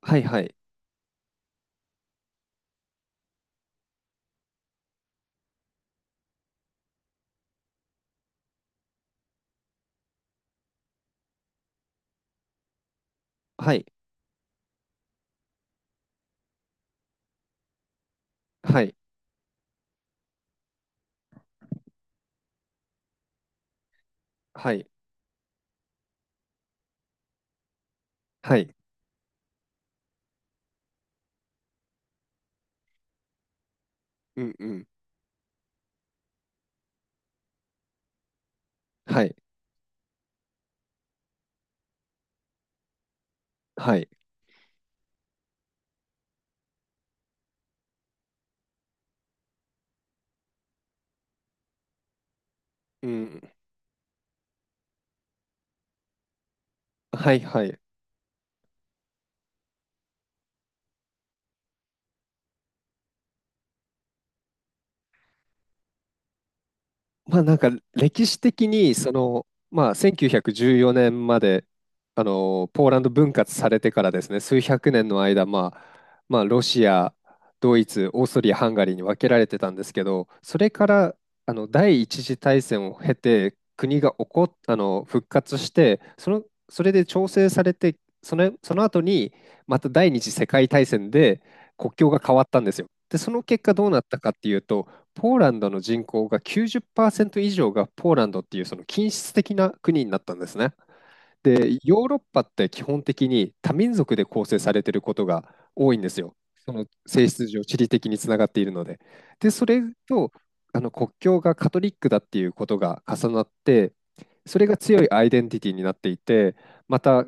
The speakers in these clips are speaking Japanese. はいはい。はい。はい。はい。はい。うんうん。はい。はい。うん。はいはい。まあなんか歴史的にその、まあ、1914年までポーランド分割されてからですね、数百年の間、まあ、まあロシアドイツオーストリアハンガリーに分けられてたんですけど、それから第一次大戦を経て国が起こっあの復活して、それで調整されて、その、その後にまた第二次世界大戦で国境が変わったんですよ。でその結果どうなったかっていうと、ポーランドの人口が90%以上がポーランドっていうその均質的な国になったんですね。で、ヨーロッパって基本的に多民族で構成されていることが多いんですよ。その性質上、地理的につながっているので。で、それと国境がカトリックだっていうことが重なって、それが強いアイデンティティになっていて、また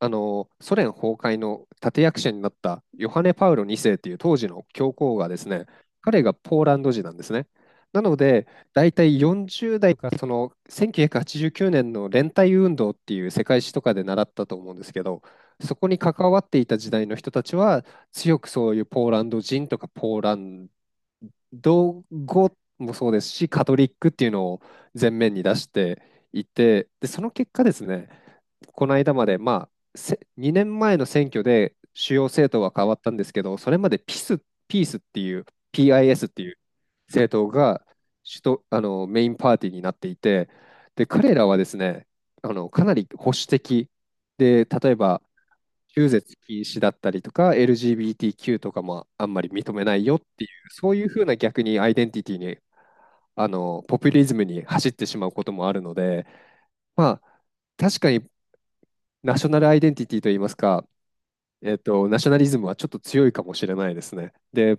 あのソ連崩壊の立役者になったヨハネ・パウロ2世っていう当時の教皇がですね、彼がポーランド人なんですね。なので、大体40代か、その1989年の連帯運動っていう世界史とかで習ったと思うんですけど、そこに関わっていた時代の人たちは、強くそういうポーランド人とかポーランド語もそうですし、カトリックっていうのを前面に出していて、で、その結果ですね、この間まで、まあ、2年前の選挙で主要政党は変わったんですけど、それまでピス、ピースっていう、PIS っていう政党が主とメインパーティーになっていて、で彼らはですね、あのかなり保守的で、例えば中絶禁止だったりとか、LGBTQ とかもあんまり認めないよっていう、そういうふうな逆にアイデンティティに、ポピュリズムに走ってしまうこともあるので、まあ、確かにナショナルアイデンティティといいますか、ナショナリズムはちょっと強いかもしれないですね。で、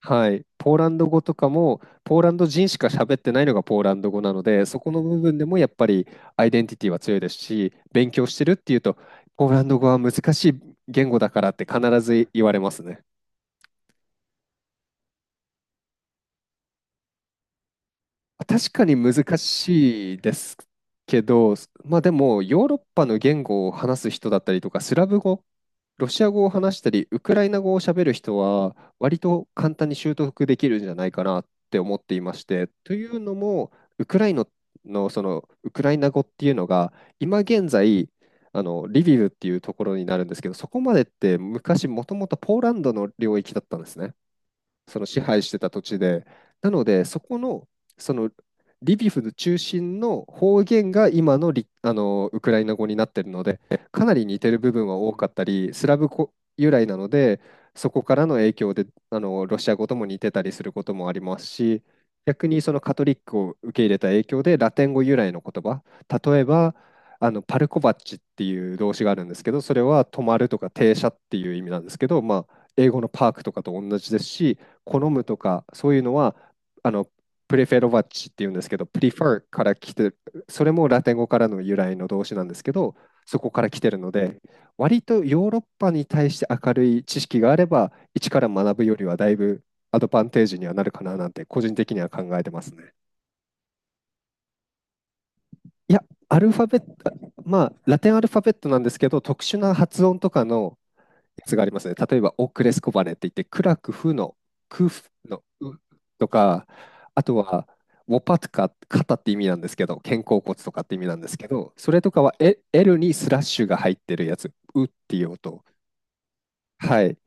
はい、ポーランド語とかもポーランド人しか喋ってないのがポーランド語なので、そこの部分でもやっぱりアイデンティティは強いですし、勉強してるっていうとポーランド語は難しい言語だからって必ず言われますね。確かに難しいですけど、まあでもヨーロッパの言語を話す人だったりとかスラブ語、ロシア語を話したり、ウクライナ語を喋る人は、割と簡単に習得できるんじゃないかなって思っていまして、というのも、ウクライナの、そのウクライナ語っていうのが、今現在、あのリビウっていうところになるんですけど、そこまでって昔、もともとポーランドの領域だったんですね。その支配してた土地で。なので、そこの、そのリビフの中心の方言が今のリ、あのウクライナ語になってるので、かなり似てる部分は多かったり、スラブ語由来なので、そこからの影響でロシア語とも似てたりすることもありますし、逆にそのカトリックを受け入れた影響でラテン語由来の言葉、例えばパルコバッチっていう動詞があるんですけど、それは止まるとか停車っていう意味なんですけど、まあ、英語のパークとかと同じですし、好むとか、そういうのは、あの、プレフェロバッチっていうんですけど、プリファーから来てる、それもラテン語からの由来の動詞なんですけど、そこから来てるので、割とヨーロッパに対して明るい知識があれば、一から学ぶよりはだいぶアドバンテージにはなるかななんて、個人的には考えてますね。いや、アルファベット、まあ、ラテンアルファベットなんですけど、特殊な発音とかのやつがありますね。例えば、オクレスコバネって言って、クラクフのウとか、あとは、ウォパトカ、肩って意味なんですけど、肩甲骨とかって意味なんですけど、それとかはエ L にスラッシュが入ってるやつ、ウっていう音。はい。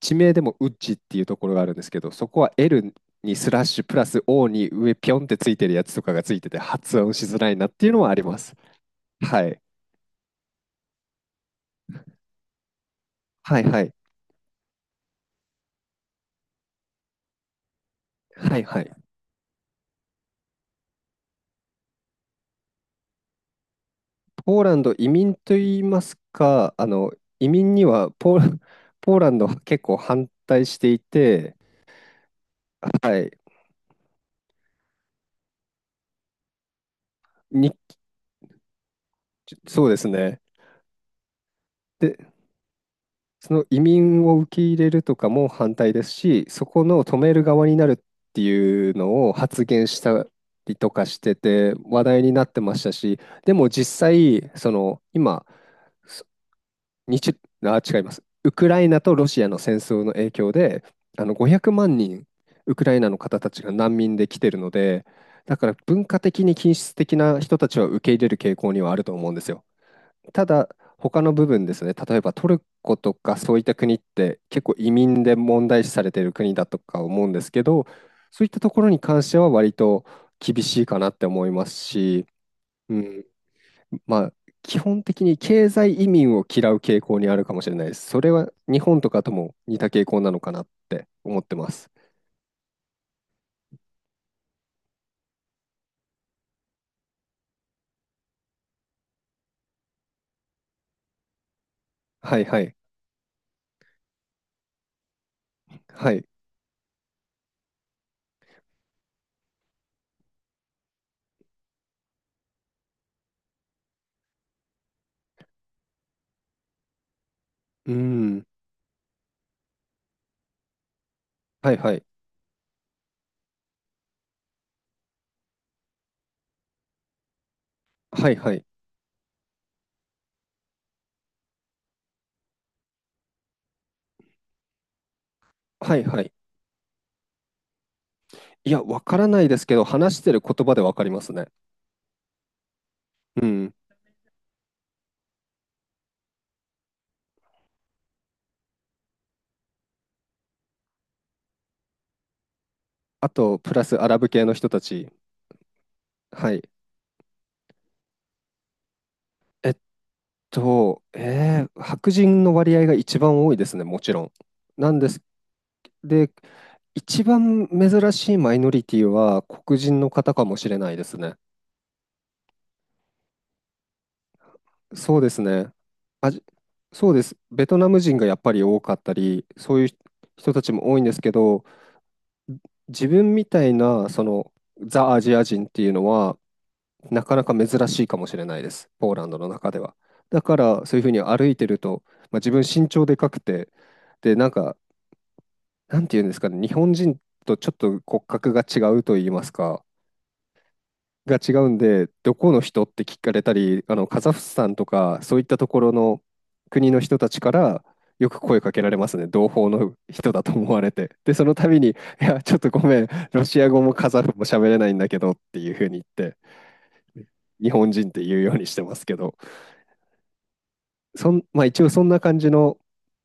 地名でもウッチっていうところがあるんですけど、そこは L にスラッシュプラス O に上ピョンってついてるやつとかがついてて発音しづらいなっていうのはあります。はい。はいはい。はいはい。ポーランド移民と言いますか、あの移民にはポーラ、ポーランドは結構反対していて、はい、に、そうですね。で、その移民を受け入れるとかも反対ですし、そこの止める側になるっていうのを発言したりとかしてて話題になってましたし、でも実際、その今、にちゅ、あ、違います。ウクライナとロシアの戦争の影響で、あの500万人、ウクライナの方たちが難民で来てるので、だから文化的に均質的な人たちは受け入れる傾向にはあると思うんですよ。ただ、他の部分ですね、例えばトルコとかそういった国って結構移民で問題視されている国だとか思うんですけど、そういったところに関しては割と厳しいかなって思いますし、うん、まあ、基本的に経済移民を嫌う傾向にあるかもしれないです。それは日本とかとも似た傾向なのかなって思ってます。はいはい。はい。うーん。はいはい。はいはい。はいはい。いや、わからないですけど、話してる言葉でわかりますね。うん。あと、プラスアラブ系の人たち。はい。えっ白人の割合が一番多いですね、もちろん。なんです。で、一番珍しいマイノリティは黒人の方かもしれないですね。そうですね。あじ、そうです。ベトナム人がやっぱり多かったり、そういう人たちも多いんですけど、自分みたいな、その、ザ・アジア人っていうのは、なかなか珍しいかもしれないです。ポーランドの中では。だから、そういうふうに歩いてると、まあ、自分身長でかくて、で、なんか、なんていうんですかね、日本人とちょっと骨格が違うと言いますか、が違うんで、どこの人って聞かれたり、あのカザフスタンとか、そういったところの国の人たちからよく声かけられますね、同胞の人だと思われて。で、その度に、いや、ちょっとごめん、ロシア語もカザフも喋れないんだけどっていうふうに言って、日本人って言うようにしてますけど、そん、まあ一応そんな感じの、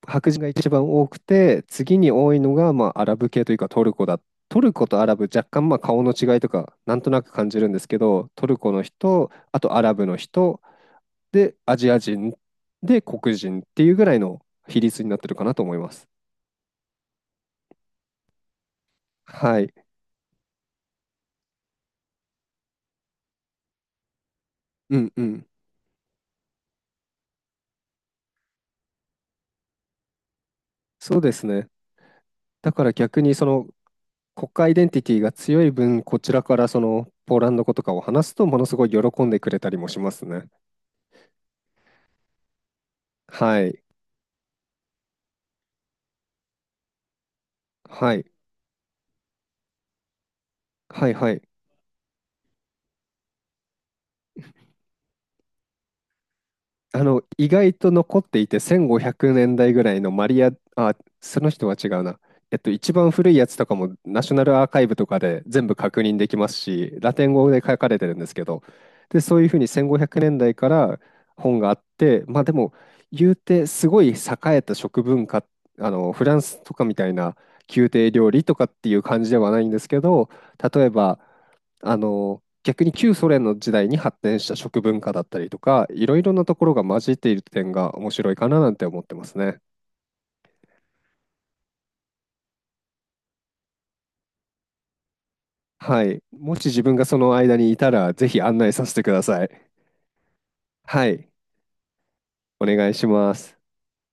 白人が一番多くて、次に多いのが、まあアラブ系というかトルコだ。トルコとアラブ若干まあ顔の違いとかなんとなく感じるんですけど、トルコの人、あとアラブの人、で、アジア人、で、黒人っていうぐらいの比率になってるかなと思います。はい。うんうん。そうですね。だから逆にその国家アイデンティティが強い分、こちらからそのポーランド語とかを話すとものすごい喜んでくれたりもしますね。はい。はい。はいはい。あの、意外と残っていて、1500年代ぐらいのマリア、あ、その人は違うな。一番古いやつとかもナショナルアーカイブとかで全部確認できますし、ラテン語で書かれてるんですけど、で、そういうふうに1500年代から本があって、まあでも、言うてすごい栄えた食文化、あの、フランスとかみたいな宮廷料理とかっていう感じではないんですけど、例えば、あの逆に旧ソ連の時代に発展した食文化だったりとか、いろいろなところが混じっている点が面白いかななんて思ってますね。はい。もし自分がその間にいたら、ぜひ案内させてください。はい。お願いします。